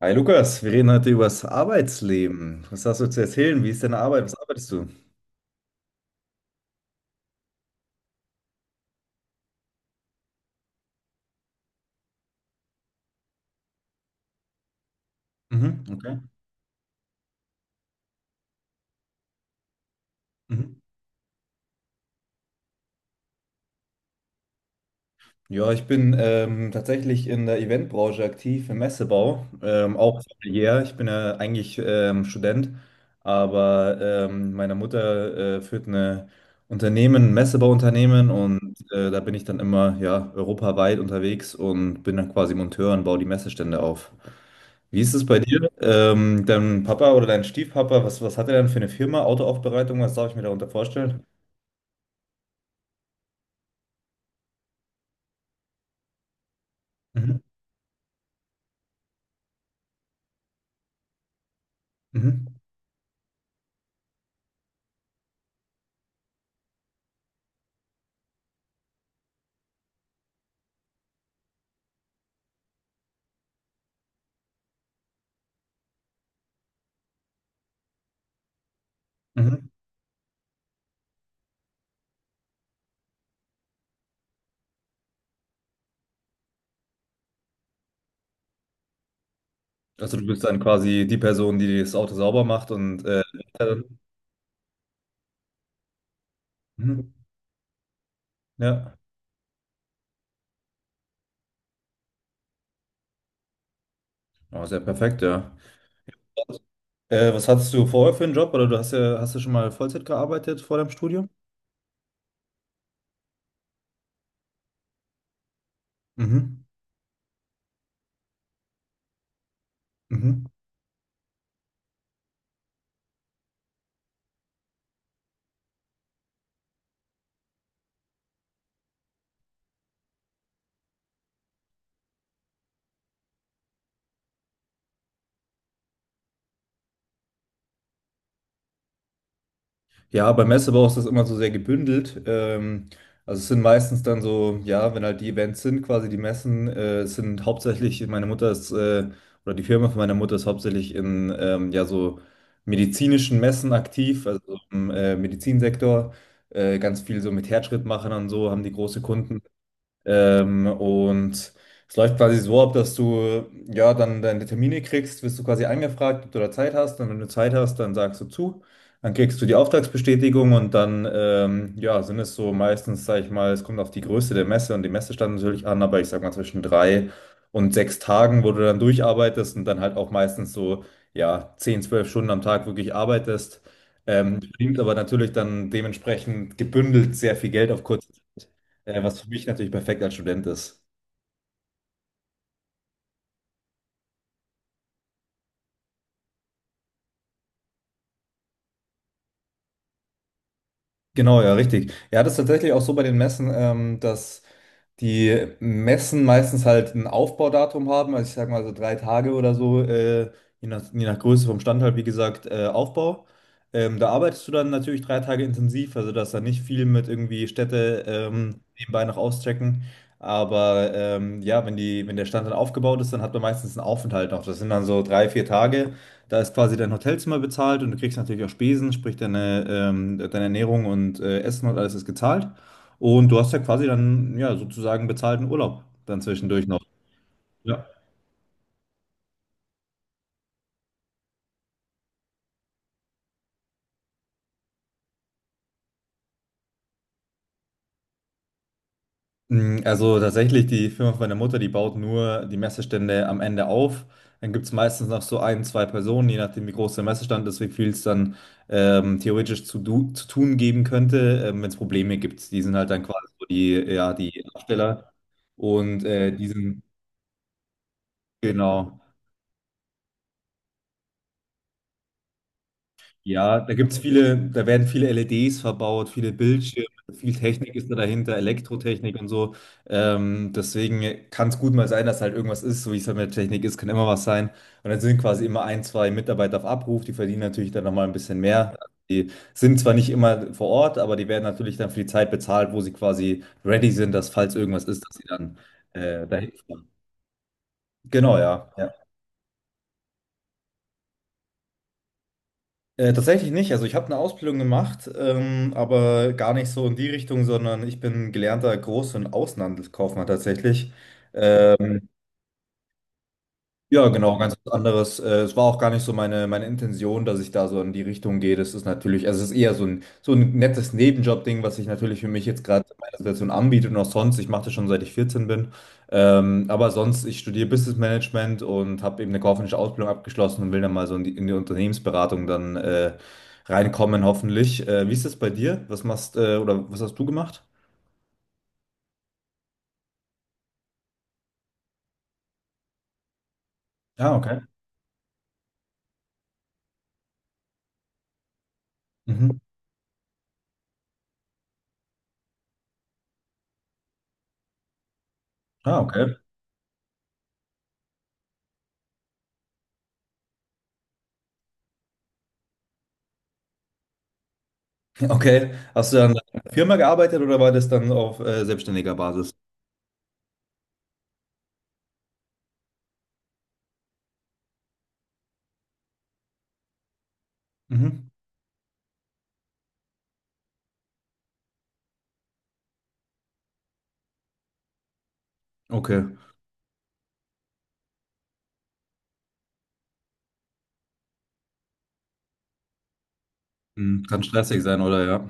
Hi Lukas, wir reden heute über das Arbeitsleben. Was hast du zu erzählen? Wie ist deine Arbeit? Was arbeitest du? Mhm, okay. Mhm. Ja, ich bin tatsächlich in der Eventbranche aktiv, im Messebau, auch familiär. Ich bin ja eigentlich Student, aber meine Mutter führt eine Unternehmen, ein Messebauunternehmen und da bin ich dann immer ja, europaweit unterwegs und bin dann quasi Monteur und baue die Messestände auf. Wie ist es bei dir? Dein Papa oder dein Stiefpapa, was hat er denn für eine Firma? Autoaufbereitung, was darf ich mir darunter vorstellen? Mhm. Mhm. Mhm. Also du bist dann quasi die Person, die das Auto sauber macht und äh, mhm, ja, oh, sehr perfekt, ja. Was hattest du vorher für einen Job? Oder du hast ja, hast du schon mal Vollzeit gearbeitet vor deinem Studium? Mhm. Mhm. Ja, beim Messebau ist das immer so sehr gebündelt. Also es sind meistens dann so, ja, wenn halt die Events sind, quasi die Messen, es sind hauptsächlich, meine Mutter ist, oder die Firma von meiner Mutter ist hauptsächlich in, ja, so medizinischen Messen aktiv, also im Medizinsektor, ganz viel so mit Herzschrittmachern und so haben die große Kunden. Und es läuft quasi so ab, dass du ja dann deine Termine kriegst, wirst du quasi angefragt, ob du da Zeit hast. Und wenn du Zeit hast, dann sagst du zu. Dann kriegst du die Auftragsbestätigung und dann ja, sind es so meistens, sage ich mal, es kommt auf die Größe der Messe und die Messestadt natürlich an, aber ich sag mal zwischen drei und sechs Tagen, wo du dann durcharbeitest und dann halt auch meistens so ja, 10, 12 Stunden am Tag wirklich arbeitest. Mhm. Verdient aber natürlich dann dementsprechend gebündelt sehr viel Geld auf kurze Zeit. Was für mich natürlich perfekt als Student ist. Genau, ja, richtig. Ja, das ist tatsächlich auch so bei den Messen, dass die Messen meistens halt ein Aufbaudatum haben, also ich sag mal so drei Tage oder so, je nach Größe vom Stand halt, wie gesagt, Aufbau. Da arbeitest du dann natürlich drei Tage intensiv, also da ist dann nicht viel mit irgendwie Städte nebenbei noch auschecken. Aber ja, wenn der Stand dann aufgebaut ist, dann hat man meistens einen Aufenthalt noch. Das sind dann so drei, vier Tage. Da ist quasi dein Hotelzimmer bezahlt und du kriegst natürlich auch Spesen, sprich deine, deine Ernährung und Essen und alles ist gezahlt. Und du hast ja quasi dann ja sozusagen bezahlten Urlaub dann zwischendurch noch. Ja. Also tatsächlich, die Firma von meiner Mutter, die baut nur die Messestände am Ende auf. Dann gibt es meistens noch so ein, zwei Personen, je nachdem, wie groß der Messestand ist, wie viel es dann theoretisch zu tun geben könnte, wenn es Probleme gibt. Die sind halt dann quasi so die, ja, die Absteller und genau. Ja, da gibt's viele, da werden viele LEDs verbaut, viele Bildschirme, viel Technik ist da dahinter, Elektrotechnik und so. Deswegen kann es gut mal sein, dass halt irgendwas ist, so wie es halt mit Technik ist, kann immer was sein. Und dann sind quasi immer ein, zwei Mitarbeiter auf Abruf, die verdienen natürlich dann nochmal ein bisschen mehr. Die sind zwar nicht immer vor Ort, aber die werden natürlich dann für die Zeit bezahlt, wo sie quasi ready sind, dass falls irgendwas ist, dass sie dann dahin fahren. Genau, ja, ja. Tatsächlich nicht. Also ich habe eine Ausbildung gemacht, aber gar nicht so in die Richtung, sondern ich bin gelernter Groß- und Außenhandelskaufmann tatsächlich. Ähm, ja, genau, ganz was anderes. Es war auch gar nicht so meine, meine Intention, dass ich da so in die Richtung gehe. Das ist natürlich, also es ist eher so ein nettes Nebenjob-Ding, was sich natürlich für mich jetzt gerade in meiner Situation anbietet und auch sonst. Ich mache das schon seit ich 14 bin. Aber sonst, ich studiere Business Management und habe eben eine kaufmännische Ausbildung abgeschlossen und will dann mal so in die Unternehmensberatung dann reinkommen, hoffentlich. Wie ist das bei dir? Was machst, oder was hast du gemacht? Ah, okay. Mhm. Ah, okay. Okay. Hast du dann in einer Firma gearbeitet oder war das dann auf selbstständiger Basis? Mhm. Okay. Hm, kann stressig sein, oder? Ja.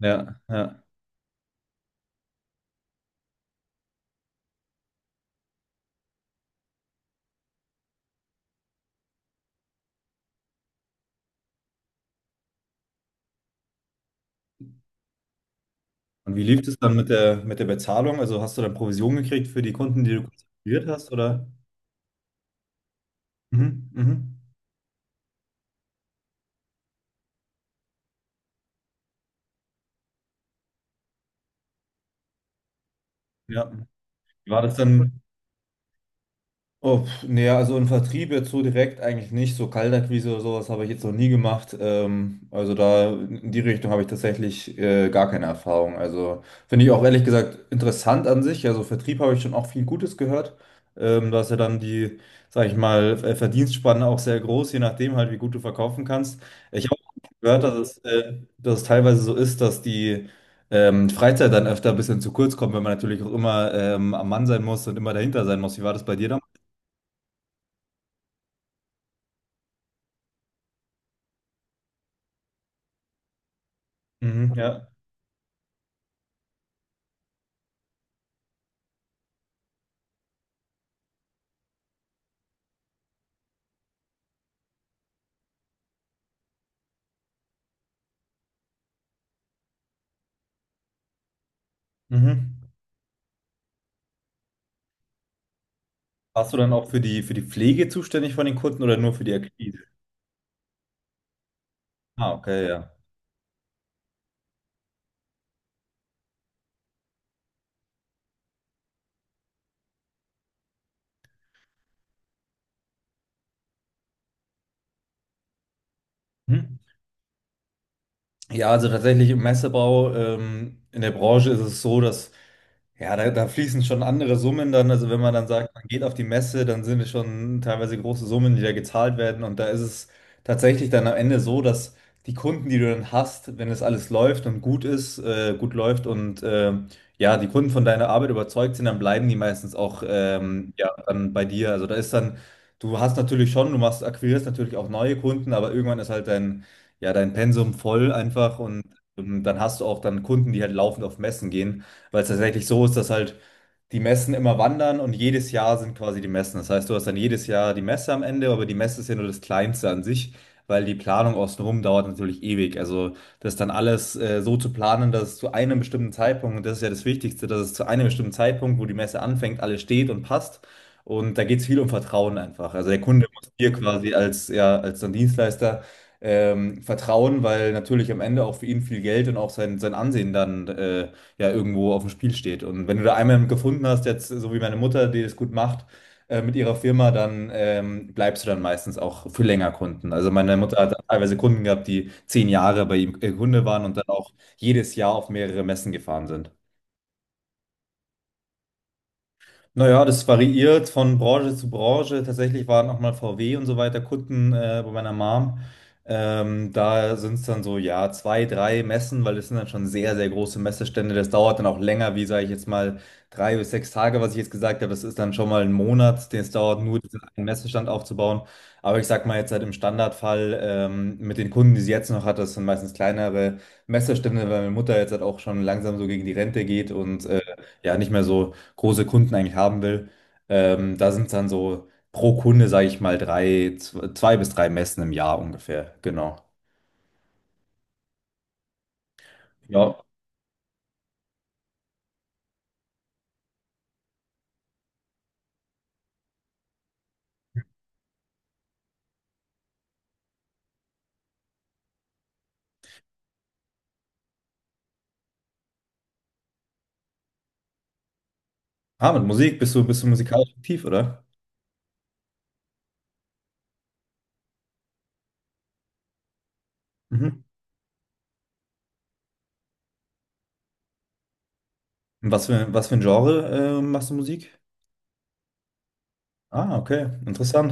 Ja, ja. Und wie lief es dann mit der Bezahlung? Also hast du dann Provision gekriegt für die Kunden, die du konzentriert hast, oder? Mhm. Mhm. Ja. War das dann? Oh, pf, nee, also im Vertrieb jetzt so direkt eigentlich nicht. So Kaltakquise oder sowas habe ich jetzt noch nie gemacht. Also da in die Richtung habe ich tatsächlich gar keine Erfahrung. Also finde ich auch ehrlich gesagt interessant an sich. Also Vertrieb habe ich schon auch viel Gutes gehört. Da ist ja dann die, sag ich mal, Ver- Verdienstspanne auch sehr groß, je nachdem halt, wie gut du verkaufen kannst. Ich habe auch gehört, dass es teilweise so ist, dass die Freizeit dann öfter ein bisschen zu kurz kommt, wenn man natürlich auch immer am Mann sein muss und immer dahinter sein muss. Wie war das bei dir? Mhm, ja. Mhm. Warst du dann auch für die Pflege zuständig von den Kunden oder nur für die Akquise? Ah, okay, ja. Mhm. Ja, also tatsächlich im Messebau, in der Branche ist es so, dass ja, da, da fließen schon andere Summen dann. Also wenn man dann sagt, man geht auf die Messe, dann sind es schon teilweise große Summen, die da gezahlt werden. Und da ist es tatsächlich dann am Ende so, dass die Kunden, die du dann hast, wenn es alles läuft und gut ist, gut läuft und ja, die Kunden von deiner Arbeit überzeugt sind, dann bleiben die meistens auch ja, dann bei dir. Also da ist dann, du hast natürlich schon, du machst, akquirierst natürlich auch neue Kunden, aber irgendwann ist halt dein ja, dein Pensum voll einfach und dann hast du auch dann Kunden, die halt laufend auf Messen gehen, weil es tatsächlich so ist, dass halt die Messen immer wandern und jedes Jahr sind quasi die Messen. Das heißt, du hast dann jedes Jahr die Messe am Ende, aber die Messe ist ja nur das Kleinste an sich, weil die Planung außenrum dauert natürlich ewig. Also das dann alles so zu planen, dass es zu einem bestimmten Zeitpunkt, und das ist ja das Wichtigste, dass es zu einem bestimmten Zeitpunkt, wo die Messe anfängt, alles steht und passt. Und da geht es viel um Vertrauen einfach. Also der Kunde muss dir quasi als, ja, als dann Dienstleister vertrauen, weil natürlich am Ende auch für ihn viel Geld und auch sein, sein Ansehen dann ja irgendwo auf dem Spiel steht. Und wenn du da einmal gefunden hast, jetzt so wie meine Mutter, die das gut macht, mit ihrer Firma, dann bleibst du dann meistens auch für länger Kunden. Also meine Mutter hat teilweise Kunden gehabt, die 10 Jahre bei ihm Kunde waren und dann auch jedes Jahr auf mehrere Messen gefahren sind. Naja, das variiert von Branche zu Branche. Tatsächlich waren auch mal VW und so weiter Kunden bei meiner Mom. Da sind es dann so, ja, zwei, drei Messen, weil es sind dann schon sehr, sehr große Messestände. Das dauert dann auch länger, wie sage ich jetzt mal, drei bis sechs Tage, was ich jetzt gesagt habe. Das ist dann schon mal ein Monat, den es dauert, nur diesen einen Messestand aufzubauen. Aber ich sag mal jetzt halt im Standardfall mit den Kunden, die sie jetzt noch hat, das sind meistens kleinere Messestände, weil meine Mutter jetzt halt auch schon langsam so gegen die Rente geht und ja, nicht mehr so große Kunden eigentlich haben will. Da sind es dann so pro Kunde, sage ich mal, zwei bis drei Messen im Jahr ungefähr. Genau. Ja. Ah, mit Musik, bist du musikalisch aktiv, oder? Mhm. Und was für, was für ein Genre, machst du Musik? Ah, okay, interessant.